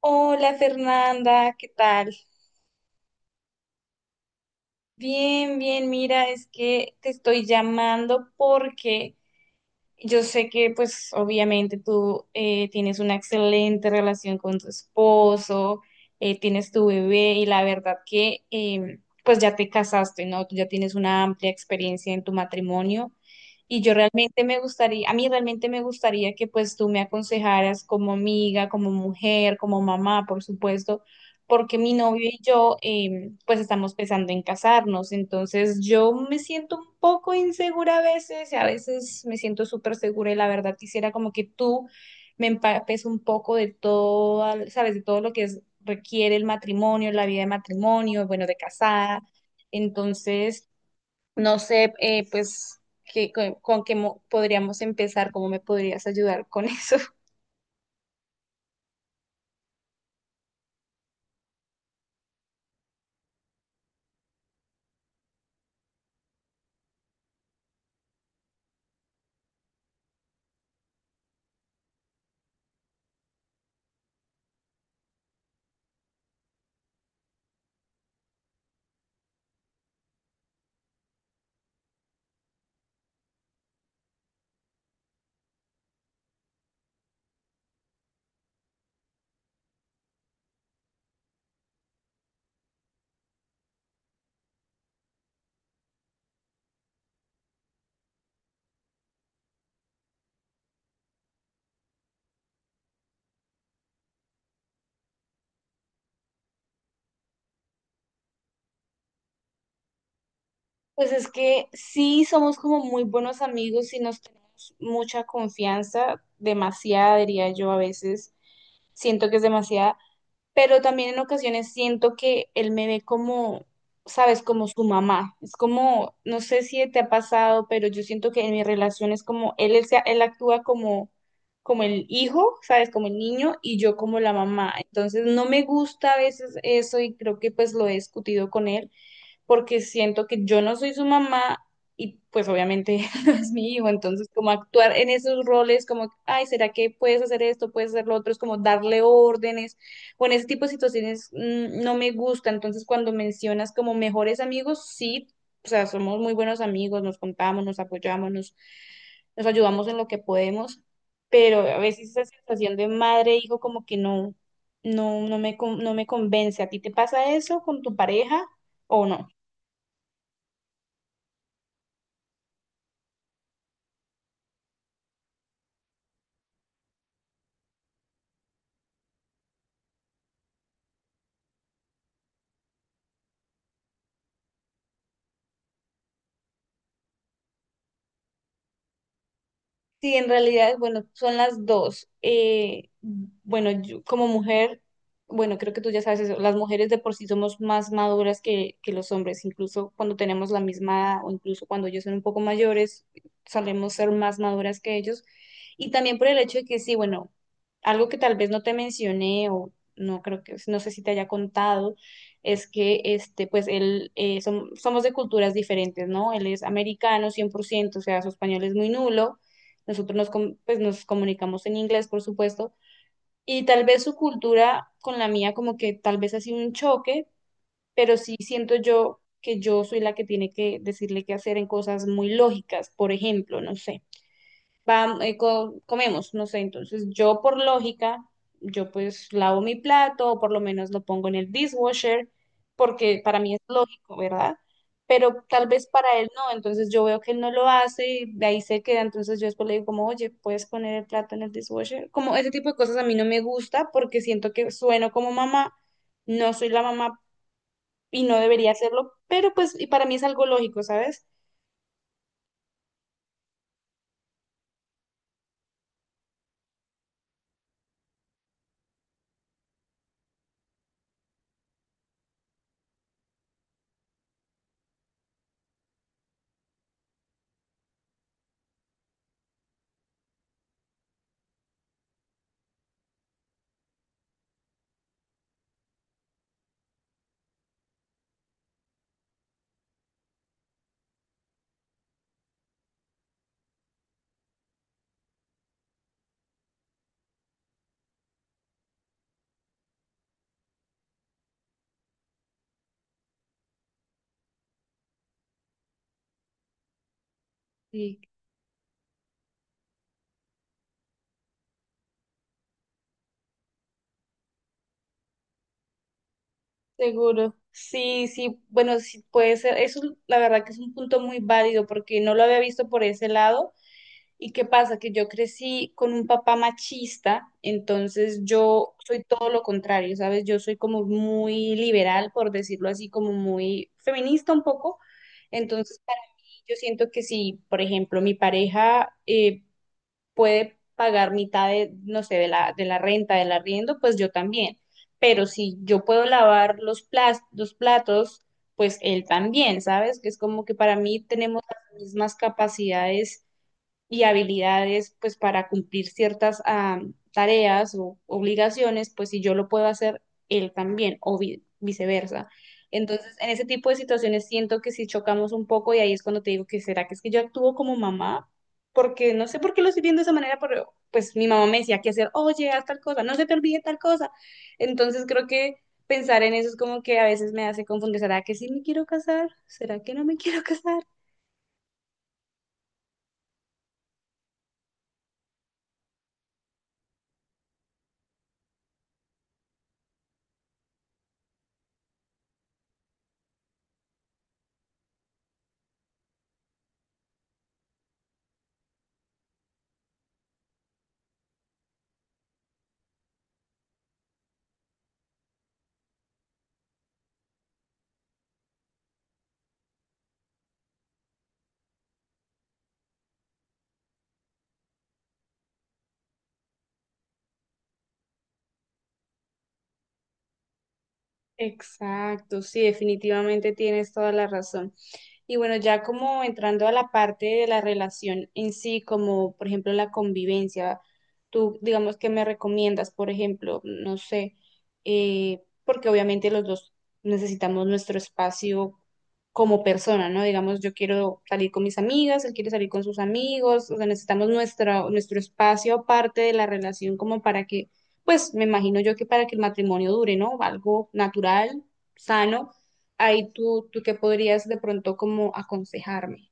Hola Fernanda, ¿qué tal? Bien, bien, mira, es que te estoy llamando porque yo sé que pues obviamente tú tienes una excelente relación con tu esposo, tienes tu bebé y la verdad que pues ya te casaste, ¿no? Tú ya tienes una amplia experiencia en tu matrimonio y yo realmente me gustaría, a mí realmente me gustaría que pues tú me aconsejaras como amiga, como mujer, como mamá, por supuesto porque mi novio y yo pues estamos pensando en casarnos, entonces yo me siento un poco insegura a veces, y a veces me siento súper segura y la verdad quisiera como que tú me empapes un poco de todo, sabes, de todo requiere el matrimonio, la vida de matrimonio, bueno, de casada, entonces no sé, pues, con podríamos empezar, cómo me podrías ayudar con eso. Pues es que sí somos como muy buenos amigos y nos tenemos mucha confianza, demasiada diría yo a veces, siento que es demasiada, pero también en ocasiones siento que él me ve como, sabes, como su mamá. Es como, no sé si te ha pasado, pero yo siento que en mi relación es como, él actúa como, como el hijo, sabes, como el niño y yo como la mamá. Entonces no me gusta a veces eso y creo que pues lo he discutido con él porque siento que yo no soy su mamá y pues obviamente no es mi hijo, entonces como actuar en esos roles como, ay, ¿será que puedes hacer esto, puedes hacer lo otro? Es como darle órdenes o en ese tipo de situaciones no me gusta, entonces cuando mencionas como mejores amigos, sí, o sea, somos muy buenos amigos, nos contamos, nos apoyamos, nos ayudamos en lo que podemos, pero a veces esa sensación de madre e hijo como que no, no me convence. ¿A ti te pasa eso con tu pareja o no? Sí, en realidad, bueno, son las dos. Bueno, yo como mujer, bueno, creo que tú ya sabes eso, las mujeres de por sí somos más maduras que los hombres, incluso cuando tenemos la misma edad o incluso cuando ellos son un poco mayores, solemos ser más maduras que ellos. Y también por el hecho de que sí, bueno, algo que tal vez no te mencioné o no creo que, no sé si te haya contado, es que este, pues él, somos de culturas diferentes, ¿no? Él es americano 100%, o sea, su español es muy nulo nosotros pues, nos comunicamos en inglés, por supuesto, y tal vez su cultura con la mía como que tal vez ha sido un choque, pero sí siento yo que yo soy la que tiene que decirle qué hacer en cosas muy lógicas, por ejemplo, no sé comemos, no sé, entonces yo por lógica, yo pues lavo mi plato o por lo menos lo pongo en el dishwasher, porque para mí es lógico, ¿verdad? Pero tal vez para él no, entonces yo veo que él no lo hace y de ahí se queda, entonces yo después le digo como, oye, ¿puedes poner el plato en el dishwasher? Como ese tipo de cosas a mí no me gusta porque siento que sueno como mamá, no soy la mamá y no debería hacerlo, pero pues y para mí es algo lógico, ¿sabes? Sí. Seguro. Sí, sí, bueno, sí puede ser. Eso la verdad que es un punto muy válido porque no lo había visto por ese lado. ¿Y qué pasa? Que yo crecí con un papá machista, entonces yo soy todo lo contrario, ¿sabes? Yo soy como muy liberal, por decirlo así, como muy feminista un poco. Entonces, para mí, yo siento que si, por ejemplo, mi pareja puede pagar mitad de, no sé, de la renta, del arriendo, pues yo también. Pero si yo puedo lavar los platos, pues él también, ¿sabes? Que es como que para mí tenemos las mismas capacidades y habilidades pues para cumplir ciertas tareas o obligaciones, pues si yo lo puedo hacer, él también, o viceversa. Entonces, en ese tipo de situaciones siento que si chocamos un poco y ahí es cuando te digo que será que es que yo actúo como mamá, porque no sé por qué lo estoy viendo de esa manera, pero pues mi mamá me decía que hacer, oye, haz tal cosa, no se te olvide tal cosa. Entonces creo que pensar en eso es como que a veces me hace confundir, ¿será que sí me quiero casar? ¿Será que no me quiero casar? Exacto, sí, definitivamente tienes toda la razón. Y bueno, ya como entrando a la parte de la relación en sí, como por ejemplo la convivencia, tú digamos que me recomiendas, por ejemplo, no sé, porque obviamente los dos necesitamos nuestro espacio como persona, ¿no? Digamos, yo quiero salir con mis amigas, él quiere salir con sus amigos, o sea, necesitamos nuestro espacio aparte de la relación como para que, pues me imagino yo que para que el matrimonio dure, ¿no? Algo natural, sano ahí tú qué podrías de pronto como aconsejarme.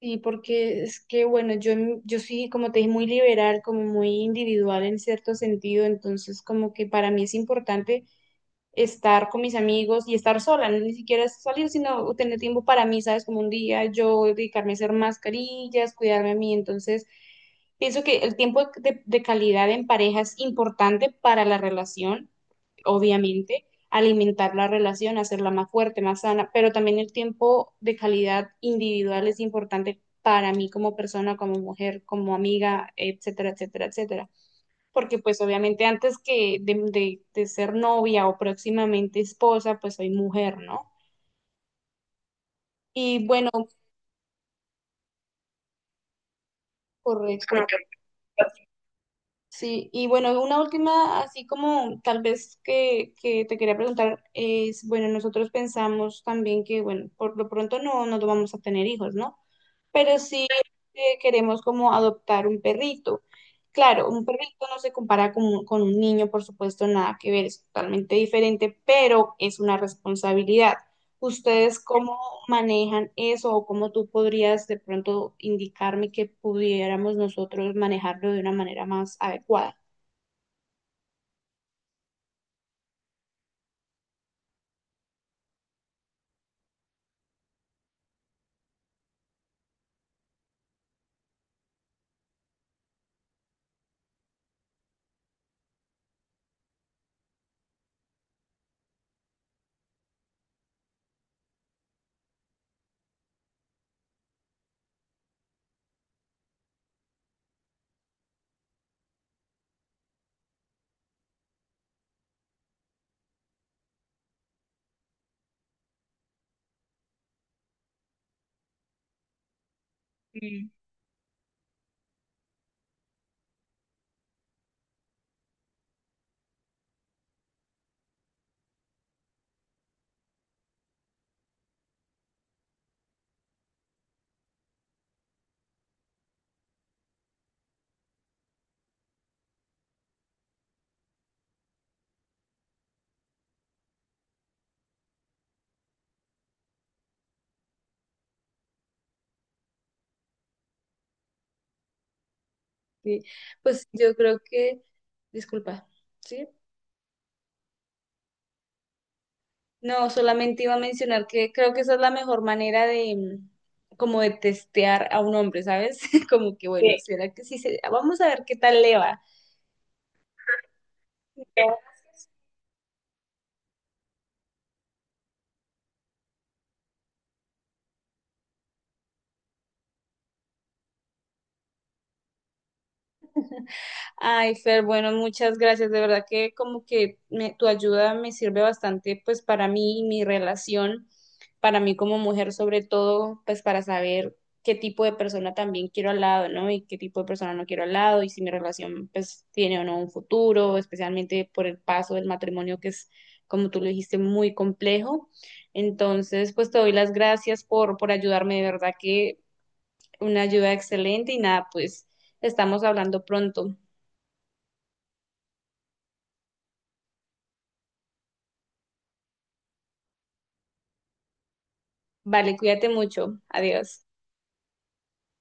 Sí, porque es que, bueno, yo sí, como te dije, muy liberal, como muy individual en cierto sentido, entonces como que para mí es importante estar con mis amigos y estar sola, no ni siquiera es salir, sino tener tiempo para mí, ¿sabes? Como un día yo dedicarme a hacer mascarillas, cuidarme a mí. Entonces, pienso que el tiempo de calidad en pareja es importante para la relación, obviamente, alimentar la relación, hacerla más fuerte, más sana, pero también el tiempo de calidad individual es importante para mí como persona, como mujer, como amiga, etcétera, etcétera, etcétera porque pues obviamente antes que de ser novia o próximamente esposa, pues soy mujer, ¿no? Y bueno, correcto. Sí, y bueno, una última, así como tal vez que te quería preguntar, es, bueno, nosotros pensamos también que, bueno, por lo pronto no, no vamos a tener hijos, ¿no? Pero sí queremos como adoptar un perrito. Claro, un perrito no se compara con un niño, por supuesto, nada que ver, es totalmente diferente, pero es una responsabilidad. ¿Ustedes cómo manejan eso o cómo tú podrías de pronto indicarme que pudiéramos nosotros manejarlo de una manera más adecuada? Mm, sí. Pues yo creo que, disculpa, ¿sí? No, solamente iba a mencionar que creo que esa es la mejor manera de como de testear a un hombre, ¿sabes? Como que bueno, sí, será que sí se... vamos a ver qué tal le va. Ay, Fer, bueno, muchas gracias. De verdad que como que tu ayuda me sirve bastante pues para mí y mi relación, para mí como mujer sobre todo, pues para saber qué tipo de persona también quiero al lado, ¿no? Y qué tipo de persona no quiero al lado y si mi relación pues tiene o no un futuro, especialmente por el paso del matrimonio que es, como tú lo dijiste, muy complejo. Entonces, pues te doy las gracias por ayudarme, de verdad que una ayuda excelente y nada, pues estamos hablando pronto. Vale, cuídate mucho. Adiós.